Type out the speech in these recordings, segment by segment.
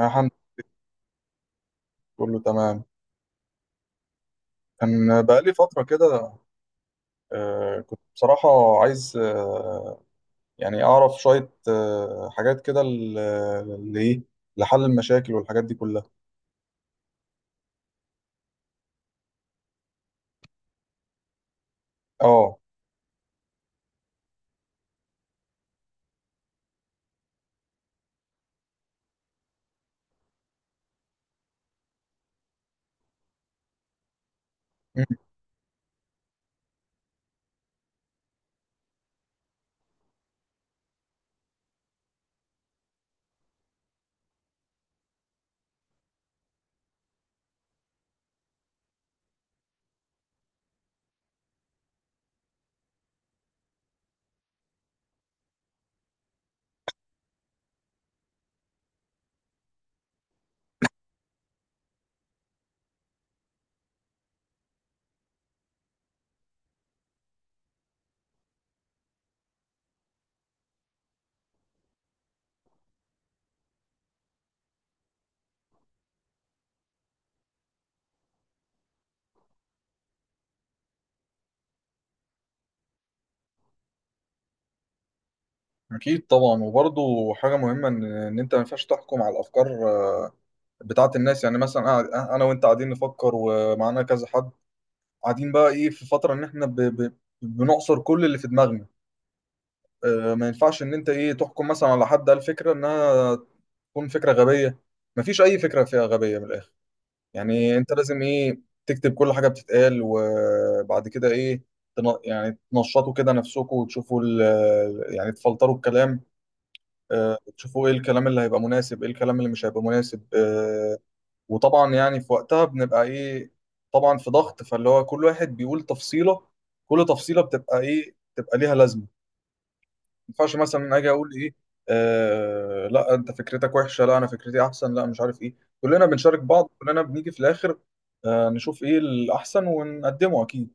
الحمد لله، كله تمام. كان بقالي فترة كده. كنت بصراحة عايز، يعني أعرف شوية حاجات كده ل- اللي إيه لحل المشاكل والحاجات دي كلها. آه. مم، أكيد طبعا، وبرضه حاجة مهمة إن أنت ما ينفعش تحكم على الأفكار آه، بتاعة الناس. يعني مثلا أنا وأنت قاعدين نفكر ومعانا كذا حد قاعدين بقى إيه في فترة إن إحنا بنعصر كل اللي في دماغنا. ما ينفعش إن أنت إيه تحكم مثلا على حد قال فكرة إنها تكون فكرة غبية. مفيش أي فكرة فيها غبية من الآخر. يعني أنت لازم إيه تكتب كل حاجة بتتقال، وبعد كده إيه يعني تنشطوا كده نفسكم وتشوفوا ال، يعني تفلتروا الكلام. تشوفوا إيه الكلام اللي هيبقى مناسب، إيه الكلام اللي مش هيبقى مناسب. وطبعا يعني في وقتها بنبقى إيه، طبعا في ضغط، فاللي هو كل واحد بيقول تفصيلة، كل تفصيلة بتبقى إيه، بتبقى ليها لازمة. ينفعش مثلا اجي اقول ايه؟ آه، لا انت فكرتك وحشه، لا انا فكرتي احسن، لا مش عارف ايه. كلنا بنشارك بعض، كلنا بنيجي في الاخر نشوف ايه الاحسن ونقدمه. اكيد.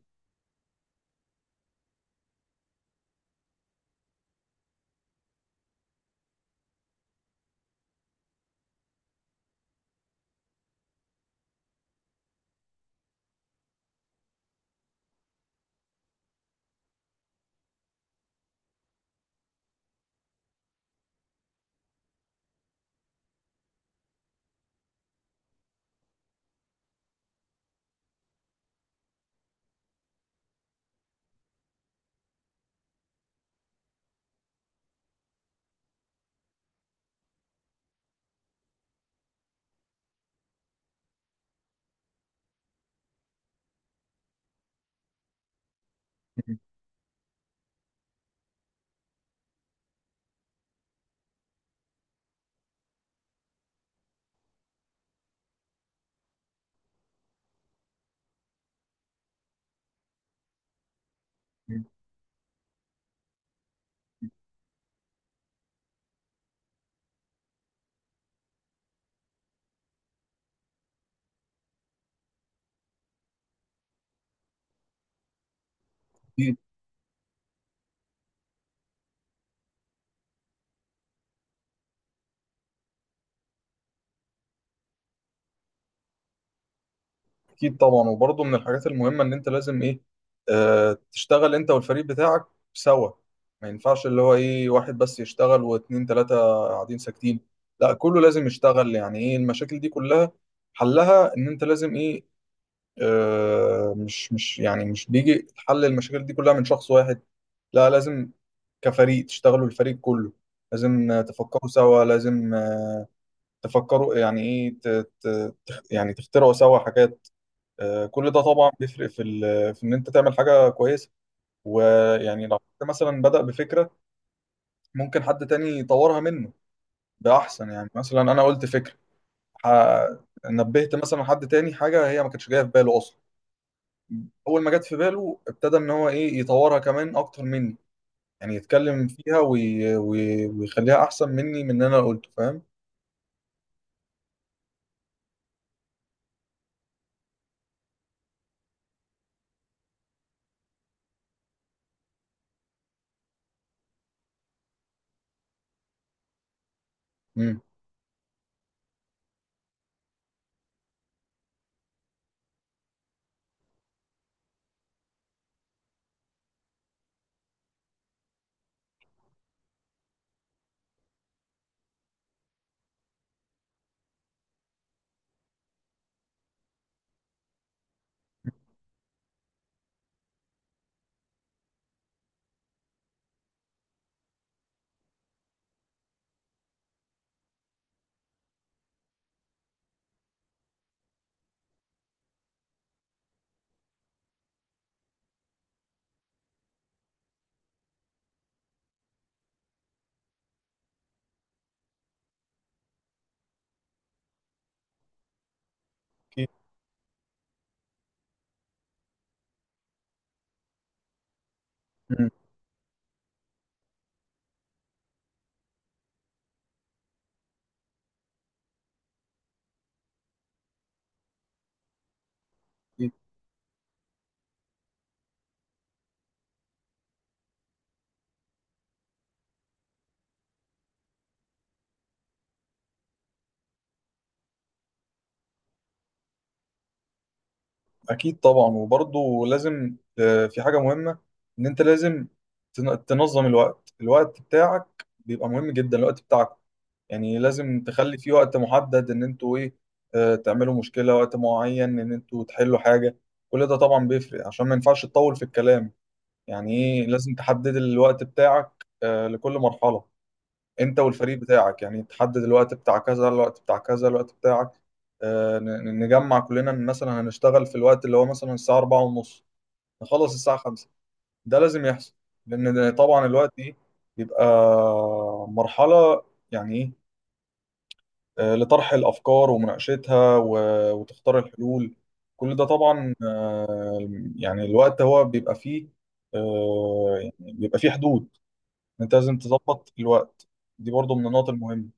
اكيد. اكيد طبعا، وبرضه من الحاجات المهمه ان انت لازم ايه، تشتغل انت والفريق بتاعك سوا. ما ينفعش اللي هو ايه واحد بس يشتغل واتنين تلاته قاعدين ساكتين. لا، كله لازم يشتغل. يعني ايه، المشاكل دي كلها حلها ان انت لازم ايه، آه، مش مش يعني مش بيجي حل المشاكل دي كلها من شخص واحد. لا، لازم كفريق تشتغلوا، الفريق كله لازم تفكروا سوا، لازم تفكروا. يعني ايه يعني تخترعوا سوا حاجات. كل ده طبعا بيفرق في في ان انت تعمل حاجة كويسة. ويعني لو حد مثلا بدأ بفكرة، ممكن حد تاني يطورها منه. ده احسن. يعني مثلا انا قلت فكرة، ح- نبهت مثلا حد تاني حاجة هي ما كانتش جاية في باله اصلا. اول ما جت في باله ابتدى ان هو ايه يطورها كمان اكتر مني، يعني يتكلم فيها ويخليها احسن مني من اللي انا قلته، فاهم؟ امم. أكيد. امم. اكيد. أكيد طبعا، وبرضه لازم في حاجه مهمه ان انت لازم تنظم الوقت. الوقت بتاعك بيبقى مهم جدا. الوقت بتاعك يعني لازم تخلي فيه وقت محدد ان انتوا ايه، تعملوا مشكله، وقت معين ان انتوا تحلوا حاجه. كل ده طبعا بيفرق عشان ما ينفعش تطول في الكلام. يعني ايه، لازم تحدد الوقت بتاعك لكل مرحلة. انت والفريق بتاعك يعني تحدد الوقت بتاع كذا، الوقت بتاع كذا، الوقت بتاعك. نجمع كلنا إن مثلا هنشتغل في الوقت اللي هو مثلا الساعة أربعة ونص، نخلص الساعة خمسة. ده لازم يحصل، لأن ده طبعا الوقت دي بيبقى مرحلة. يعني ايه، لطرح الأفكار ومناقشتها وتختار الحلول، كل ده طبعا. آه، يعني الوقت هو بيبقى فيه، يعني بيبقى فيه حدود. انت لازم تظبط الوقت. دي برضو من النقط المهمه.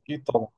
اكيد طبعا.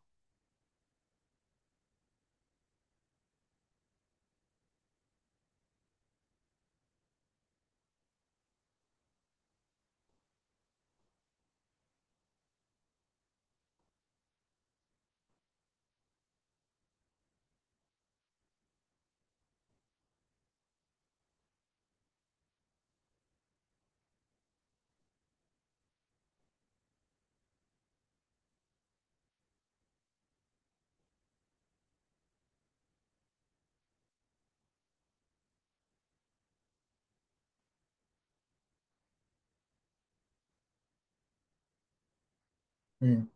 مم.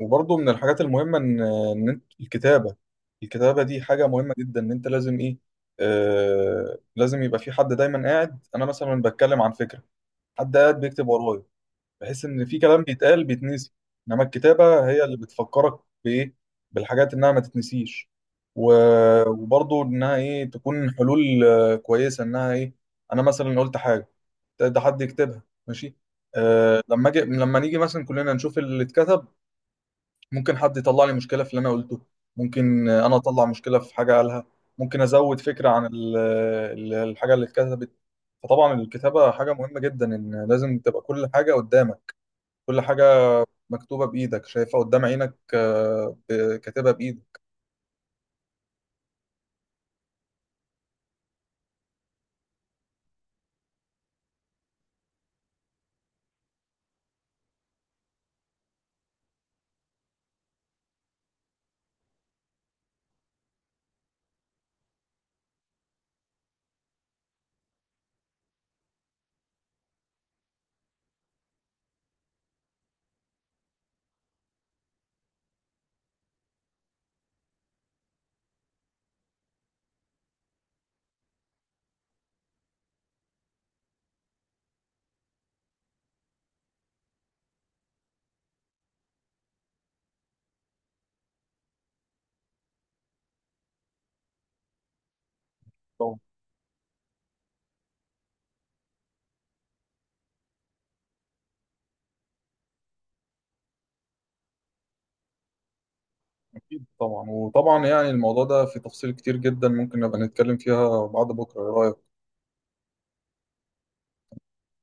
وبرضو من الحاجات المهمه ان انت الكتابه. الكتابه دي حاجه مهمه جدا، ان انت لازم ايه، لازم يبقى في حد دايما قاعد. انا مثلا بتكلم عن فكره، حد قاعد بيكتب ورايا، بحيث ان في كلام بيتقال بيتنسي. انما الكتابه هي اللي بتفكرك بايه، بالحاجات، انها ما تتنسيش. وبرضو انها ايه، تكون حلول كويسه انها ايه. انا مثلا قلت حاجه، ده حد يكتبها، ماشي. أه، لما نيجي مثلا كلنا نشوف اللي اتكتب. ممكن حد يطلع لي مشكله في اللي انا قلته، ممكن انا اطلع مشكله في حاجه قالها، ممكن ازود فكره عن الحاجه اللي اتكتبت. فطبعا الكتابه حاجه مهمه جدا، ان لازم تبقى كل حاجه قدامك، كل حاجه مكتوبه بايدك، شايفها قدام عينك، كاتبها بايدك. طبعا. اكيد طبعا، وطبعا يعني الموضوع ده في تفصيل كتير جدا، ممكن نبقى نتكلم فيها بعد بكره، ايه رايك؟